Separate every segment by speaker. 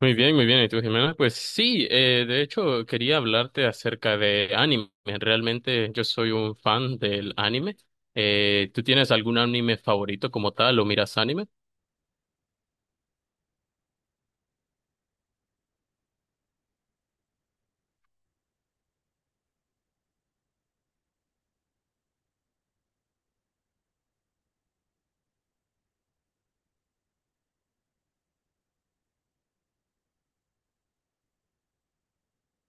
Speaker 1: Muy bien, muy bien. ¿Y tú, Jimena? Pues sí, de hecho quería hablarte acerca de anime. Realmente yo soy un fan del anime. ¿Tú tienes algún anime favorito como tal o miras anime?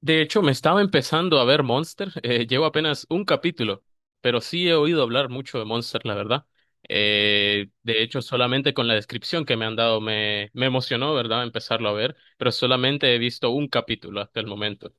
Speaker 1: De hecho, me estaba empezando a ver Monster. Llevo apenas un capítulo, pero sí he oído hablar mucho de Monster, la verdad. De hecho, solamente con la descripción que me han dado me emocionó, ¿verdad? Empezarlo a ver, pero solamente he visto un capítulo hasta el momento.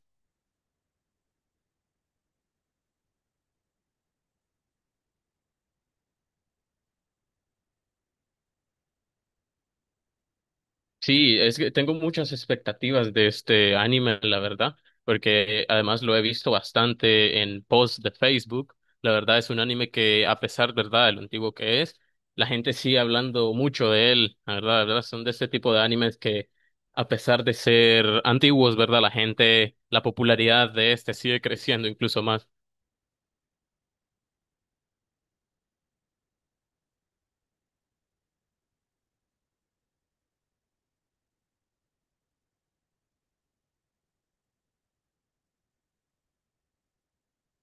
Speaker 1: Sí, es que tengo muchas expectativas de este anime, la verdad, porque además lo he visto bastante en posts de Facebook. La verdad es un anime que, a pesar, ¿verdad?, de lo antiguo que es, la gente sigue hablando mucho de él, la verdad, son de este tipo de animes que, a pesar de ser antiguos, ¿verdad?, la gente, la popularidad de este sigue creciendo incluso más.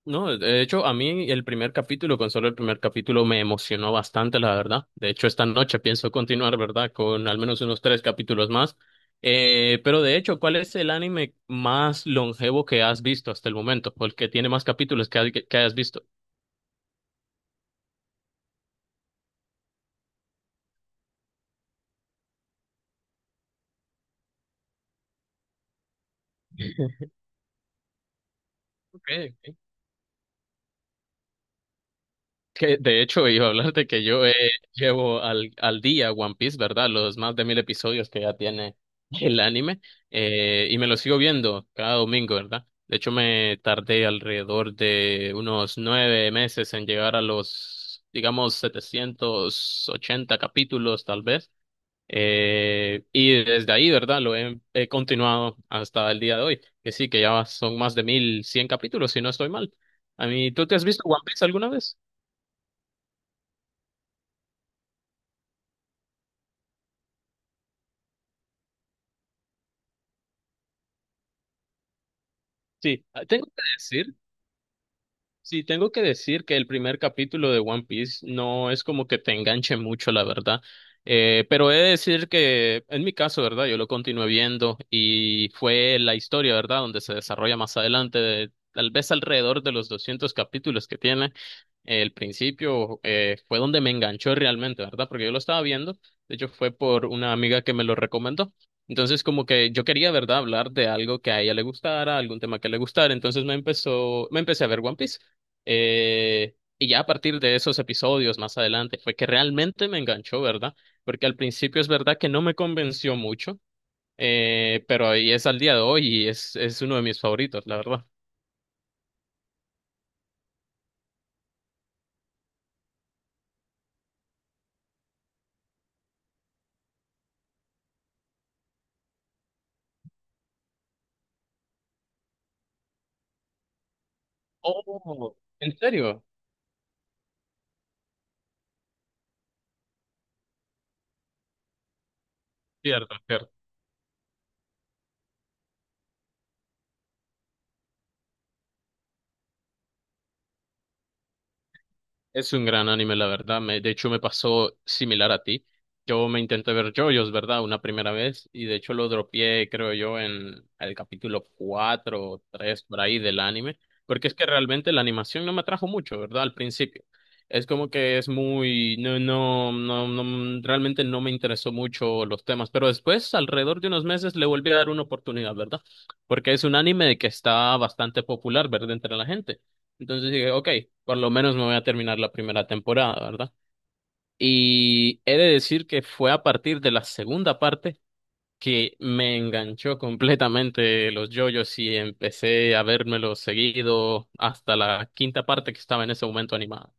Speaker 1: No, de hecho, a mí el primer capítulo, con solo el primer capítulo, me emocionó bastante, la verdad. De hecho, esta noche pienso continuar, ¿verdad? Con al menos unos tres capítulos más. Pero de hecho, ¿cuál es el anime más longevo que has visto hasta el momento? ¿O el que tiene más capítulos que hayas visto? Ok. Que de hecho iba a hablarte que yo llevo al día One Piece, ¿verdad? Los más de mil episodios que ya tiene el anime, y me lo sigo viendo cada domingo, ¿verdad? De hecho me tardé alrededor de unos nueve meses en llegar a los, digamos, 780 capítulos tal vez. Y desde ahí, ¿verdad? He continuado hasta el día de hoy, que sí, que ya son más de mil cien capítulos, si no estoy mal. A mí, ¿tú te has visto One Piece alguna vez? Sí, ah, tengo que decir. Sí, tengo que decir que el primer capítulo de One Piece no es como que te enganche mucho, la verdad. Pero he de decir que en mi caso, ¿verdad? Yo lo continué viendo y fue la historia, ¿verdad? Donde se desarrolla más adelante, tal vez alrededor de los 200 capítulos que tiene. El principio, fue donde me enganchó realmente, ¿verdad? Porque yo lo estaba viendo, de hecho fue por una amiga que me lo recomendó. Entonces, como que yo quería, ¿verdad?, hablar de algo que a ella le gustara, algún tema que le gustara. Entonces me empecé a ver One Piece. Y ya a partir de esos episodios más adelante fue que realmente me enganchó, ¿verdad? Porque al principio es verdad que no me convenció mucho, pero ahí es al día de hoy y es uno de mis favoritos, la verdad. Oh, ¿en serio? Cierto, cierto. Es un gran anime, la verdad. De hecho, me pasó similar a ti. Yo me intenté ver JoJo's, ¿verdad? Una primera vez. Y de hecho lo dropeé, creo yo, en el capítulo 4 o 3 por ahí del anime. Porque es que realmente la animación no me atrajo mucho, ¿verdad? Al principio. Es como que es muy... realmente no me interesó mucho los temas. Pero después, alrededor de unos meses, le volví a dar una oportunidad, ¿verdad? Porque es un anime que está bastante popular, ¿verdad? Entre la gente. Entonces dije, ok, por lo menos me voy a terminar la primera temporada, ¿verdad? Y he de decir que fue a partir de la segunda parte que me enganchó completamente los JoJo's y empecé a vérmelos seguido hasta la quinta parte que estaba en ese momento animada.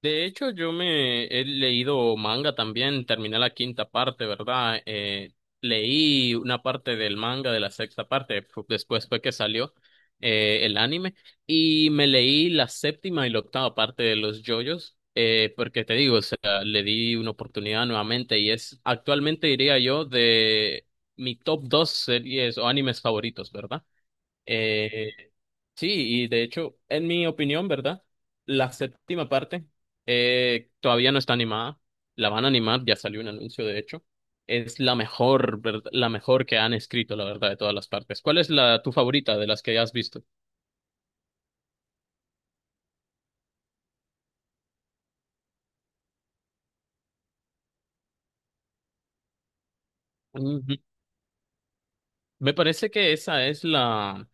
Speaker 1: De hecho, yo me he leído manga también, terminé la quinta parte, ¿verdad? Leí una parte del manga de la sexta parte, después fue que salió el anime, y me leí la séptima y la octava parte de los JoJo's, porque te digo, o sea, le di una oportunidad nuevamente y es actualmente, diría yo, de mi top dos series o animes favoritos, ¿verdad? Eh, Sí, y de hecho, en mi opinión, ¿verdad? La séptima parte, todavía no está animada. La van a animar, ya salió un anuncio, de hecho. Es la mejor, ¿verdad? La mejor que han escrito, la verdad, de todas las partes. ¿Cuál es la tu favorita de las que has visto? Ujú. Me parece que esa es la...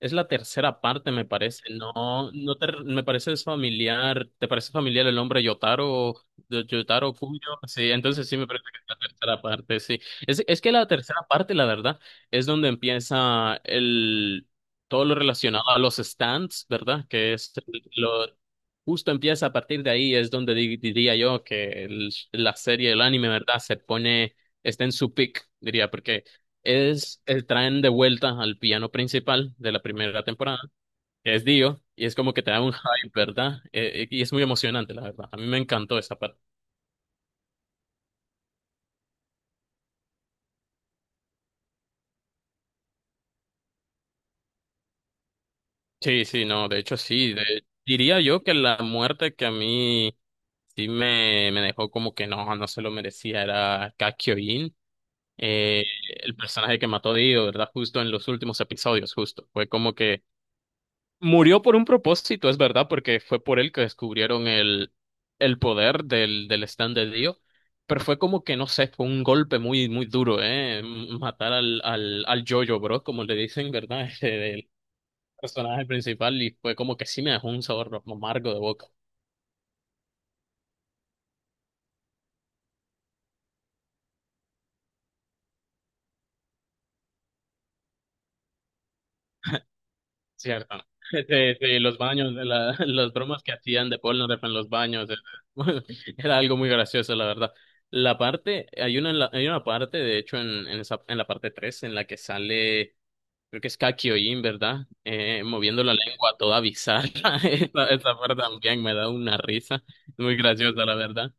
Speaker 1: Es la tercera parte, me parece. No, no te, me parece familiar. ¿Te parece familiar el nombre Yotaro, de Yotaro Kuyo? Sí, entonces sí me parece que es la tercera parte, sí. Es que la tercera parte, la verdad, es donde empieza el todo lo relacionado a los stands, ¿verdad? Que es lo justo empieza a partir de ahí, es donde diría yo que la serie, el anime, ¿verdad? Se pone, está en su peak, diría, porque es el traen de vuelta al piano principal de la primera temporada, que es Dio, y es como que te da un hype, ¿verdad? Y es muy emocionante, la verdad. A mí me encantó esa parte. Sí, sí, no, de hecho sí. Diría yo que la muerte que a mí sí me dejó como que no, no se lo merecía era Kakyoin, eh, el personaje que mató a Dio, ¿verdad? Justo en los últimos episodios, justo. Fue como que murió por un propósito, es verdad, porque fue por él que descubrieron el poder del stand de Dio, pero fue como que, no sé, fue un golpe muy, muy duro, ¿eh? Matar al Jojo, bro, como le dicen, ¿verdad? El personaje principal, y fue como que sí me dejó un sabor amargo de boca. Cierto. Sí, sí, los baños, las bromas que hacían de Polnareff en los baños, era algo muy gracioso, la verdad. La parte, hay una, hay una parte, de hecho, esa, en la parte 3 en la que sale, creo que es Kakyoin, ¿verdad? Moviendo la lengua toda bizarra. Esa parte también me da una risa. Muy graciosa, la verdad.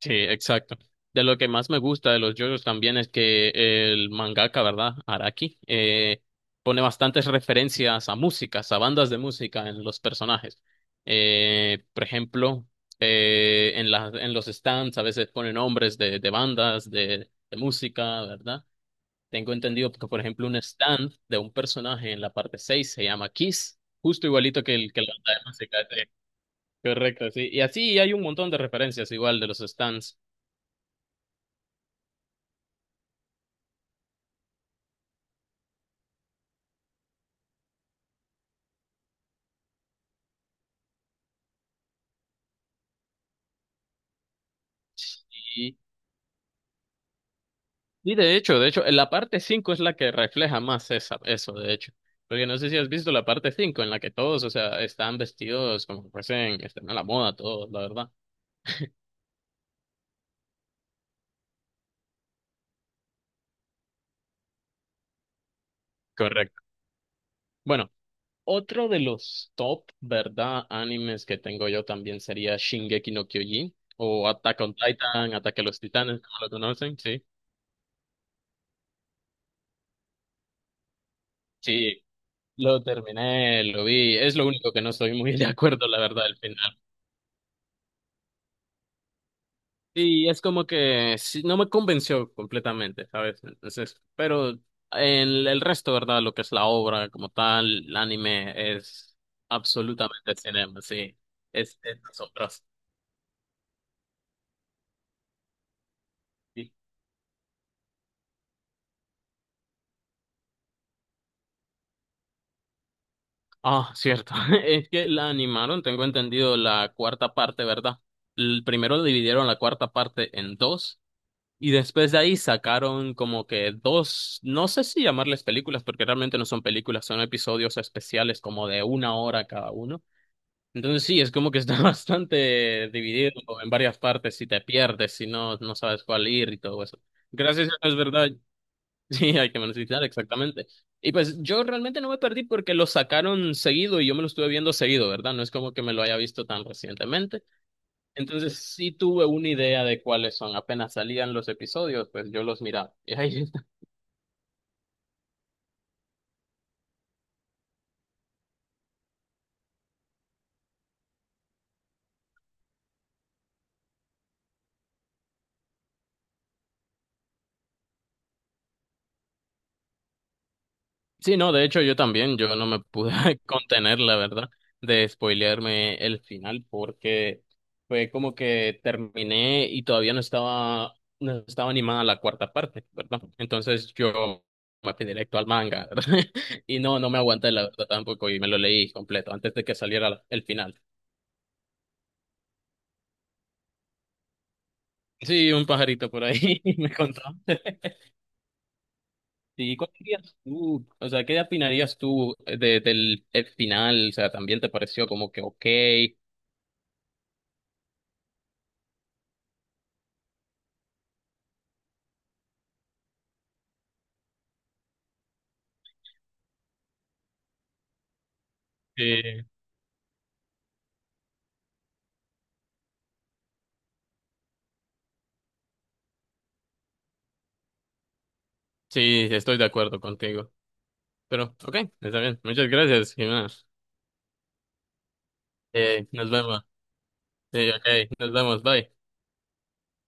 Speaker 1: Sí, exacto. De lo que más me gusta de los JoJo's también es que el mangaka, ¿verdad? Araki, pone bastantes referencias a músicas, a bandas de música en los personajes. Por ejemplo, en los stands a veces pone nombres de bandas, de música, ¿verdad? Tengo entendido que, por ejemplo, un stand de un personaje en la parte 6 se llama Kiss, justo igualito que el que la banda de música. Sí. Correcto, sí. Y así hay un montón de referencias igual de los stands. Y de hecho, en la parte 5 es la que refleja más esa, eso, de hecho. Porque no sé si has visto la parte 5 en la que todos, o sea, están vestidos como que fuesen, están a la moda todos, la verdad. Correcto. Bueno, otro de los top, ¿verdad? Animes que tengo yo también sería Shingeki no Kyojin o Attack on Titan, Ataque a los Titanes, como lo conocen, sí. Sí, lo terminé, lo vi. Es lo único que no estoy muy de acuerdo, la verdad, al final. Y es como que sí, no me convenció completamente, ¿sabes? Entonces, pero en el resto, ¿verdad? Lo que es la obra como tal, el anime es absolutamente cinema, sí. Es asombroso. Sí. Ah, cierto. Es que la animaron, tengo entendido, la cuarta parte, ¿verdad? El primero dividieron la cuarta parte en dos y después de ahí sacaron como que dos, no sé si llamarles películas, porque realmente no son películas, son episodios especiales como de una hora cada uno. Entonces sí, es como que está bastante dividido en varias partes, si te pierdes, si no, no sabes cuál ir y todo eso. Gracias a Dios, es verdad. Sí, hay que mencionar exactamente. Y pues yo realmente no me perdí porque lo sacaron seguido y yo me lo estuve viendo seguido, ¿verdad? No es como que me lo haya visto tan recientemente. Entonces sí tuve una idea de cuáles son. Apenas salían los episodios, pues yo los miraba. Y ahí... Sí, no, de hecho yo también, yo no me pude contener, la verdad, de spoilearme el final porque fue como que terminé y todavía no estaba animada la cuarta parte, ¿verdad? Entonces yo me fui directo al manga, ¿verdad? Y no, no me aguanté, la verdad, tampoco y me lo leí completo antes de que saliera el final. Sí, un pajarito por ahí me contó. Sí, ¿cuál dirías tú? O sea, ¿qué opinarías tú de, del el final? O sea, ¿también te pareció como que ok? Sí, sí, estoy de acuerdo contigo. Pero, ok, está bien. Muchas gracias, Jimena. Nos vemos. Sí, ok, nos vemos. Bye.